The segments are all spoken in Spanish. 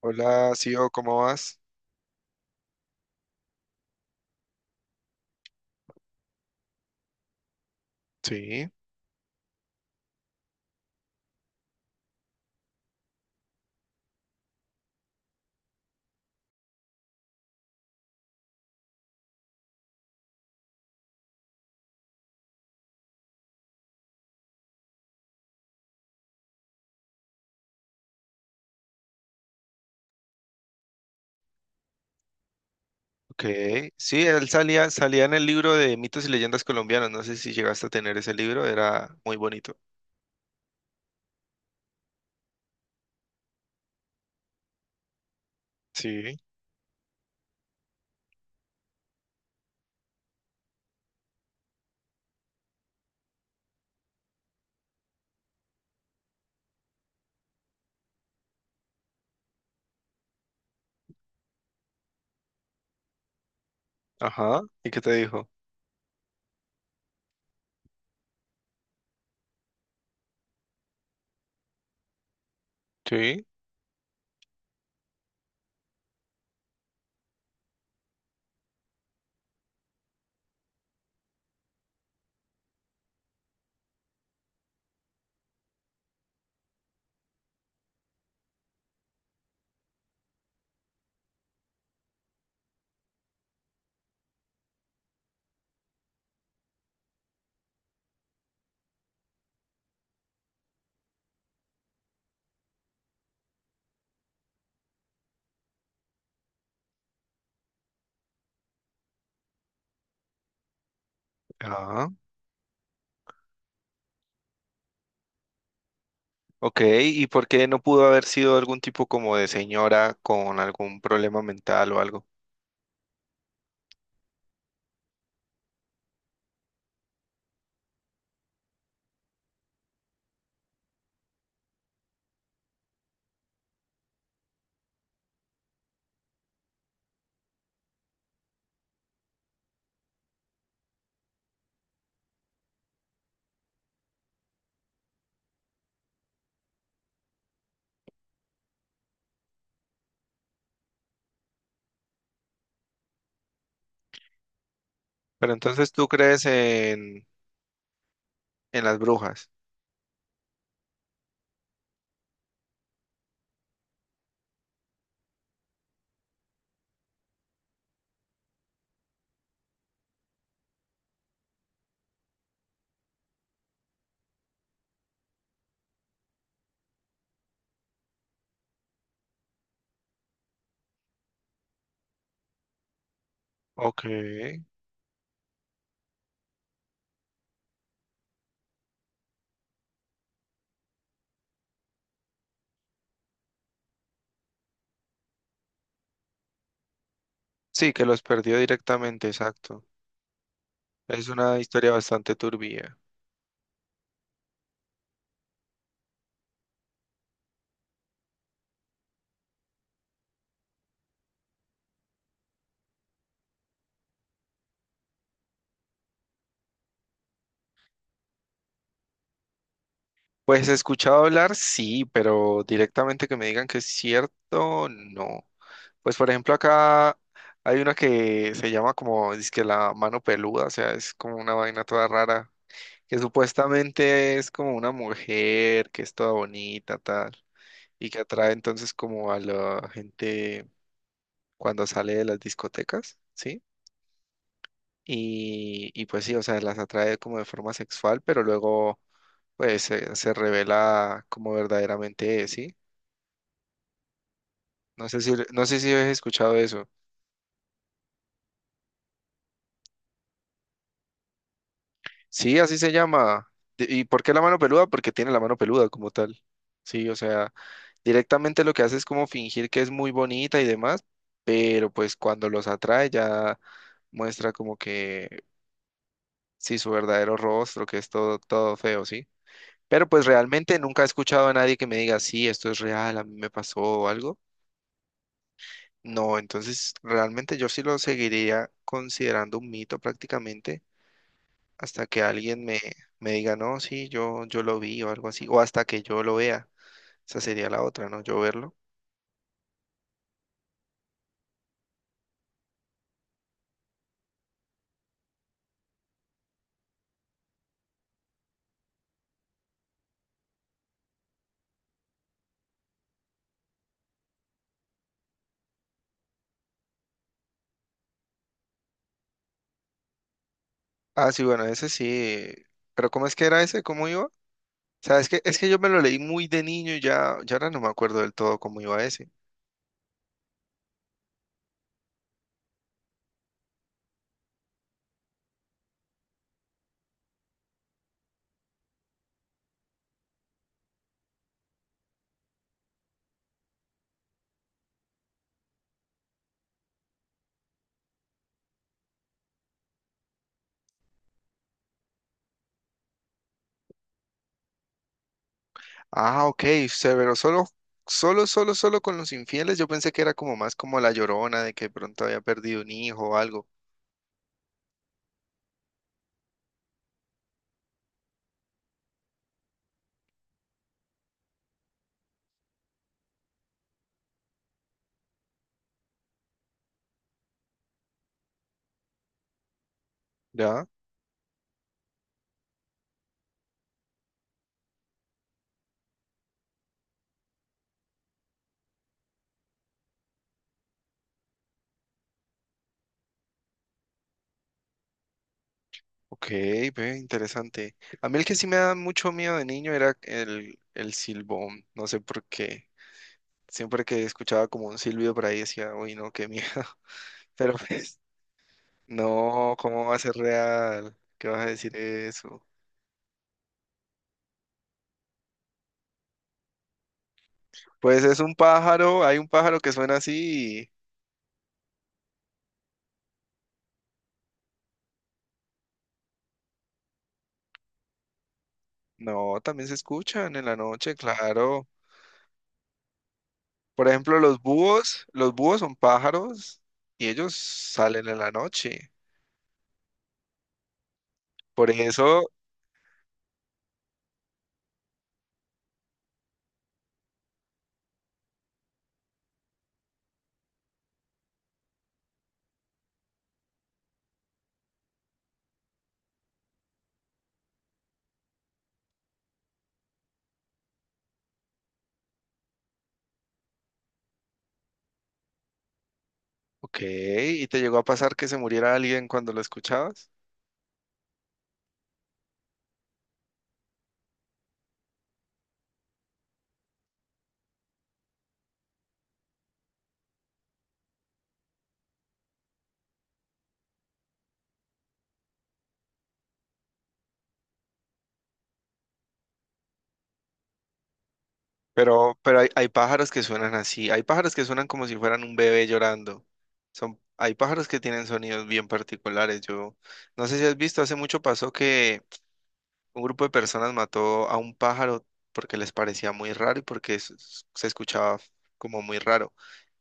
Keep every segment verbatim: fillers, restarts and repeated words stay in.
Hola, Sio, ¿cómo vas? Sí, ok. Sí, él salía, salía en el libro de mitos y leyendas colombianas. No sé si llegaste a tener ese libro, era muy bonito. Sí, ajá. ¿Y qué te dijo? Sí, ah. Ok, ¿y por qué no pudo haber sido algún tipo como de señora con algún problema mental o algo? Pero entonces tú crees en, en las brujas. Ok. Sí, que los perdió directamente, exacto. Es una historia bastante turbia. Pues he escuchado hablar, sí, pero directamente que me digan que es cierto, no. Pues por ejemplo acá hay una que se llama como, dizque la mano peluda, o sea, es como una vaina toda rara, que supuestamente es como una mujer que es toda bonita, tal, y que atrae entonces como a la gente cuando sale de las discotecas, ¿sí? Y, y pues sí, o sea, las atrae como de forma sexual, pero luego pues se, se revela como verdaderamente es, ¿sí? No sé si, no sé si habéis escuchado eso. Sí, así se llama. De- ¿Y por qué la mano peluda? Porque tiene la mano peluda como tal. Sí, o sea, directamente lo que hace es como fingir que es muy bonita y demás, pero pues cuando los atrae ya muestra como que sí su verdadero rostro, que es todo, todo feo, ¿sí? Pero pues realmente nunca he escuchado a nadie que me diga, sí, esto es real, a mí me pasó o algo. No, entonces realmente yo sí lo seguiría considerando un mito prácticamente, hasta que alguien me, me diga, no, sí, yo, yo lo vi o algo así, o hasta que yo lo vea. Esa sería la otra, ¿no? Yo verlo. Ah, sí, bueno, ese sí. Pero ¿cómo es que era ese? ¿Cómo iba? O sea, es que, es que yo me lo leí muy de niño y ya, ya ahora no me acuerdo del todo cómo iba ese. Ah, ok, severo, solo, solo, solo, solo con los infieles. Yo pensé que era como más como la Llorona, de que de pronto había perdido un hijo o algo. Ya, ok, ve, interesante. A mí el que sí me da mucho miedo de niño era el, el silbón, no sé por qué. Siempre que escuchaba como un silbido por ahí decía, uy, no, qué miedo. Pero pues, no, ¿cómo va a ser real? ¿Qué vas a decir eso? Pues es un pájaro, hay un pájaro que suena así. y- No, también se escuchan en la noche, claro. Por ejemplo, los búhos, los búhos son pájaros y ellos salen en la noche. Por eso, ok, ¿y te llegó a pasar que se muriera alguien cuando lo escuchabas? Pero, pero hay, hay pájaros que suenan así, hay pájaros que suenan como si fueran un bebé llorando. Son, hay pájaros que tienen sonidos bien particulares. Yo no sé si has visto, hace mucho pasó que un grupo de personas mató a un pájaro porque les parecía muy raro y porque s- s- se escuchaba como muy raro.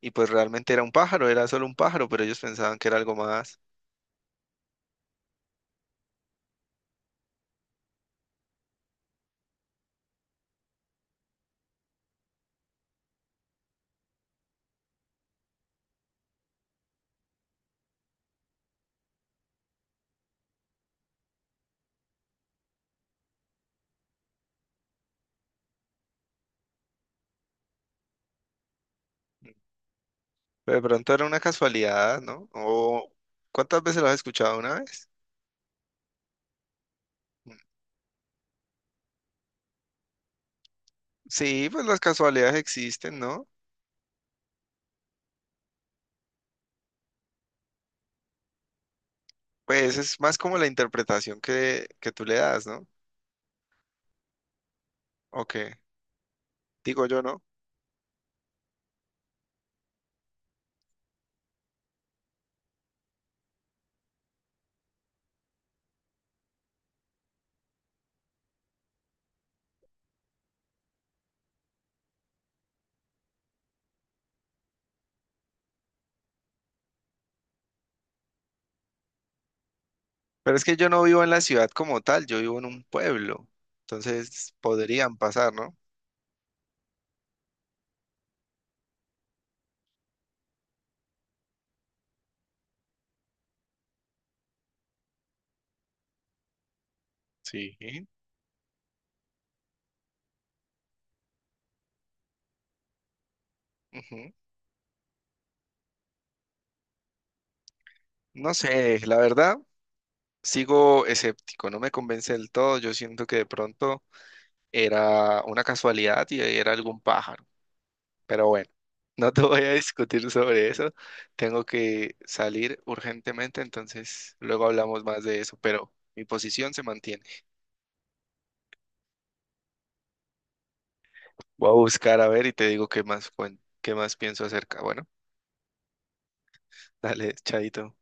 Y pues realmente era un pájaro, era solo un pájaro, pero ellos pensaban que era algo más. Pero de pronto era una casualidad, ¿no? O ¿cuántas veces lo has escuchado? Una vez. Mm, sí, pues las casualidades existen, ¿no? Pues es más como la interpretación que, que tú le das, ¿no? O que digo yo, ¿no? Pero es que yo no vivo en la ciudad como tal, yo vivo en un pueblo. Entonces podrían pasar, ¿no? Sí. Ujú. No sé, la verdad, sigo escéptico, no me convence del todo. Yo siento que de pronto era una casualidad y era algún pájaro. Pero bueno, no te voy a discutir sobre eso. Tengo que salir urgentemente, entonces luego hablamos más de eso, pero mi posición se mantiene. Voy a buscar a ver y te digo qué más, cuen- qué más pienso acerca. Bueno, dale, chaito.